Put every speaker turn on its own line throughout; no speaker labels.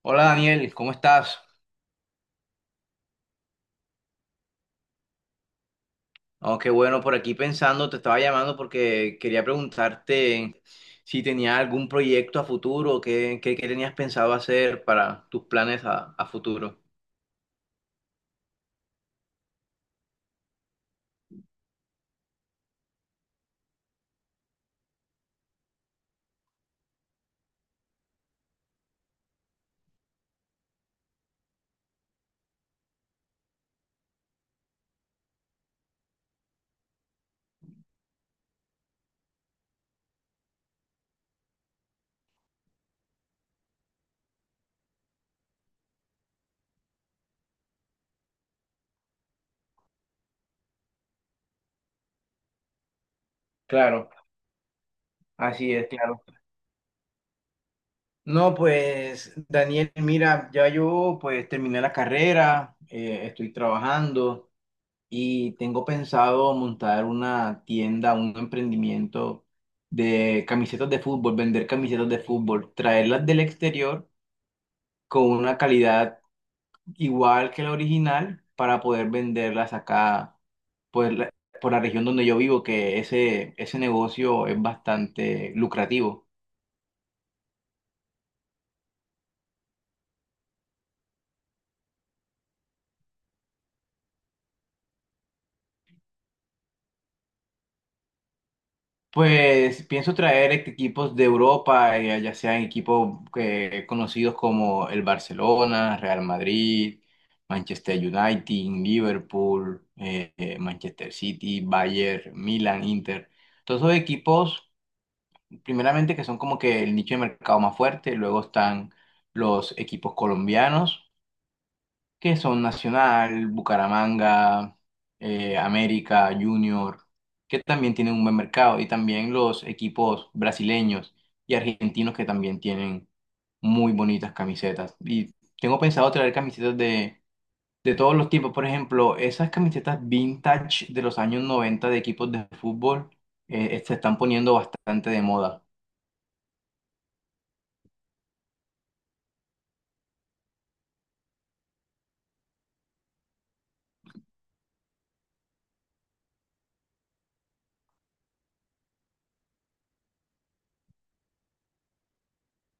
Hola Daniel, ¿cómo estás? Oh, qué bueno, por aquí pensando, te estaba llamando porque quería preguntarte si tenía algún proyecto a futuro, qué tenías pensado hacer para tus planes a futuro. Claro, así es, claro. No, pues Daniel, mira, ya yo pues terminé la carrera, estoy trabajando y tengo pensado montar una tienda, un emprendimiento de camisetas de fútbol, vender camisetas de fútbol, traerlas del exterior, con una calidad igual que la original para poder venderlas acá pues la, por la región donde yo vivo, que ese negocio es bastante lucrativo. Pues pienso traer equipos de Europa, ya sean equipos conocidos como el Barcelona, Real Madrid, Manchester United, Liverpool, Manchester City, Bayern, Milan, Inter. Todos esos equipos primeramente que son como que el nicho de mercado más fuerte, luego están los equipos colombianos, que son Nacional, Bucaramanga, América, Junior, que también tienen un buen mercado, y también los equipos brasileños y argentinos que también tienen muy bonitas camisetas. Y tengo pensado traer camisetas de... De todos los tipos, por ejemplo, esas camisetas vintage de los años 90 de equipos de fútbol se están poniendo bastante de moda.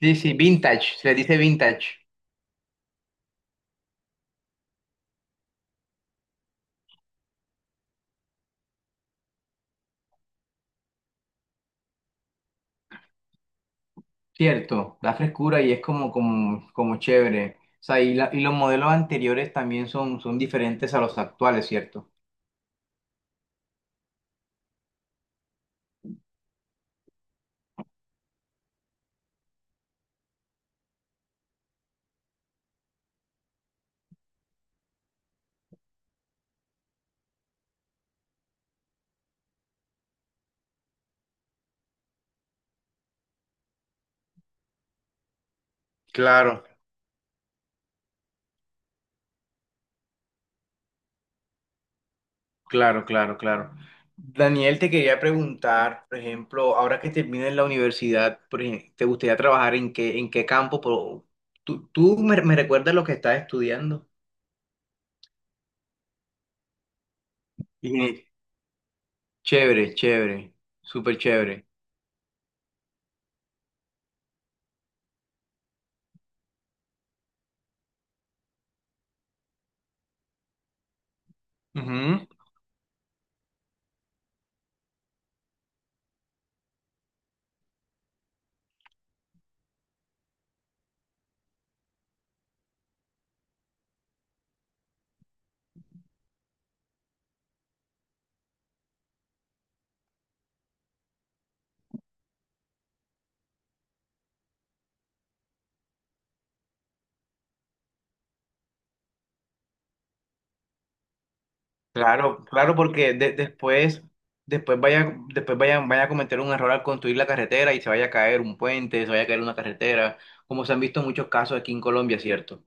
Sí, sí, vintage, se le dice vintage, cierto, da frescura y es como chévere. O sea, y los modelos anteriores también son diferentes a los actuales, ¿cierto? Claro, claro, claro, claro. Daniel, te quería preguntar, por ejemplo, ahora que termines la universidad, ¿te gustaría trabajar en qué campo? Por me recuerdas lo que estás estudiando. Ingenie- Chévere, chévere, súper chévere. Claro, claro, porque después, después vaya, después vayan, vaya a cometer un error al construir la carretera y se vaya a caer un puente, se vaya a caer una carretera, como se han visto muchos casos aquí en Colombia, ¿cierto?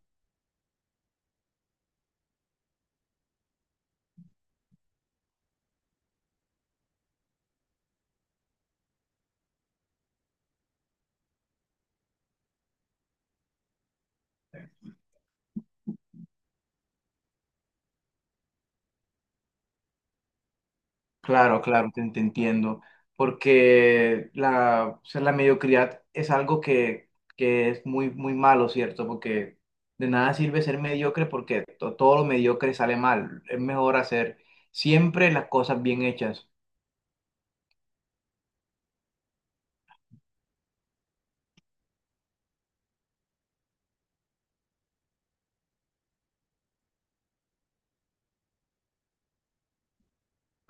Claro, claro, te entiendo, porque la, o sea, la mediocridad es algo que es muy, muy malo, ¿cierto? Porque de nada sirve ser mediocre porque todo lo mediocre sale mal, es mejor hacer siempre las cosas bien hechas.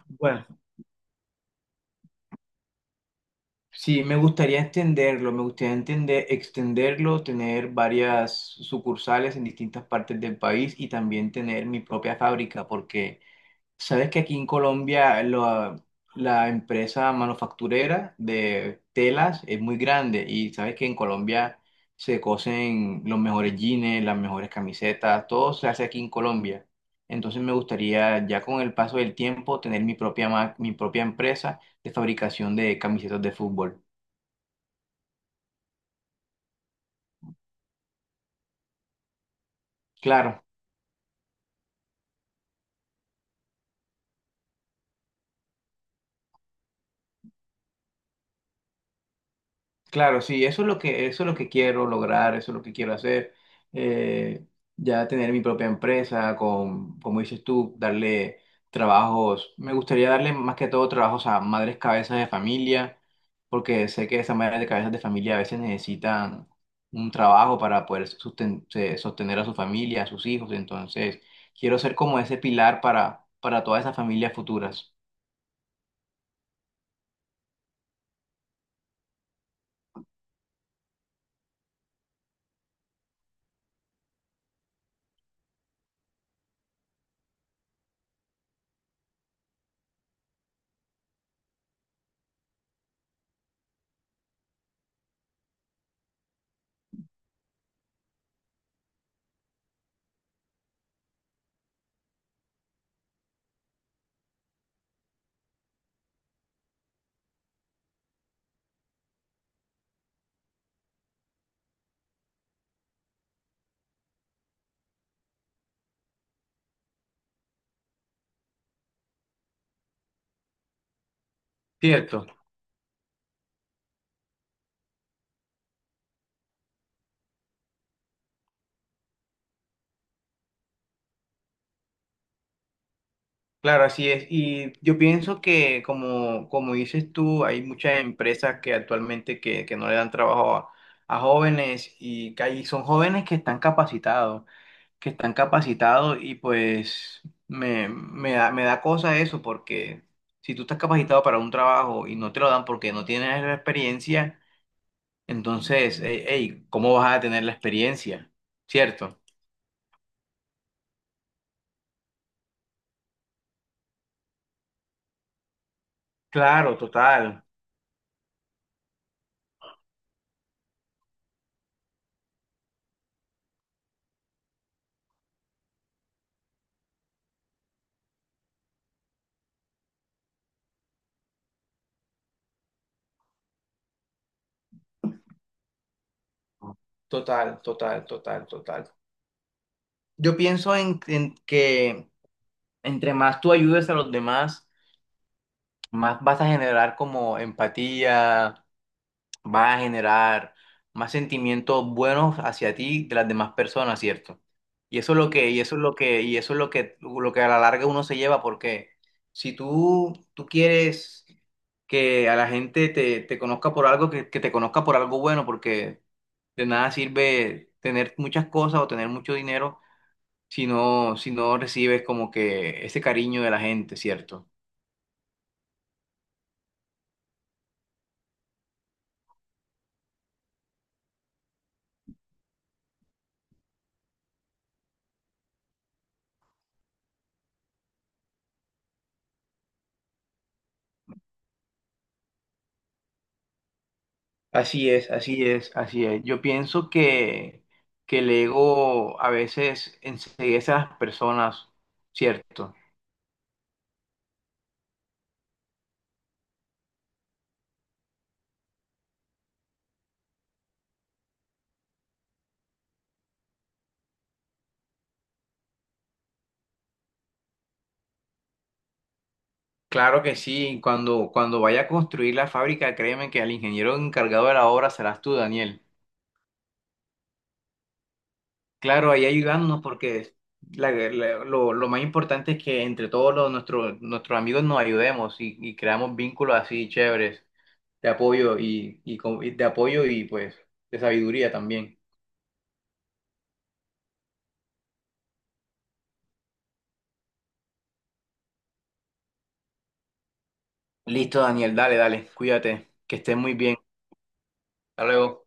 Bueno. Sí, me gustaría entenderlo, me gustaría entender, extenderlo, tener varias sucursales en distintas partes del país y también tener mi propia fábrica, porque sabes que aquí en Colombia la empresa manufacturera de telas es muy grande y sabes que en Colombia se cosen los mejores jeans, las mejores camisetas, todo se hace aquí en Colombia. Entonces me gustaría ya con el paso del tiempo tener mi propia empresa de fabricación de camisetas de fútbol. Claro, claro, sí, eso es lo que, eso es lo que quiero lograr, eso es lo que quiero hacer. Eh, ya tener mi propia empresa, con, como dices tú, darle trabajos. Me gustaría darle más que todo trabajos a madres cabezas de familia, porque sé que esas madres de cabezas de familia a veces necesitan un trabajo para poder sostener a su familia, a sus hijos. Entonces, quiero ser como ese pilar para todas esas familias futuras. Cierto. Claro, así es. Y yo pienso que, como, como dices tú, hay muchas empresas que actualmente que no le dan trabajo a jóvenes y que ahí son jóvenes que están capacitados y pues me da cosa eso porque si tú estás capacitado para un trabajo y no te lo dan porque no tienes la experiencia, entonces, hey, ¿cómo vas a tener la experiencia? ¿Cierto? Claro, total. Total, total, total, total. Yo pienso en que entre más tú ayudes a los demás, más vas a generar como empatía, vas a generar más sentimientos buenos hacia ti de las demás personas, ¿cierto? Y eso es lo que, y eso es lo que, y eso es lo que a la larga uno se lleva, porque si tú quieres que a la gente te conozca por algo, que te conozca por algo bueno, porque de nada sirve tener muchas cosas o tener mucho dinero si no, si no recibes como que ese cariño de la gente, ¿cierto? Así es, así es, así es. Yo pienso que el ego a veces enseguece a las personas, ¿cierto? Claro que sí, cuando vaya a construir la fábrica, créeme que al ingeniero encargado de la obra serás tú, Daniel. Claro, ahí ayudarnos porque lo más importante es que entre todos nuestros, nuestros amigos nos ayudemos y creamos vínculos así chéveres, de apoyo y de apoyo y pues de sabiduría también. Listo, Daniel, dale, dale, cuídate, que estés muy bien. Hasta luego.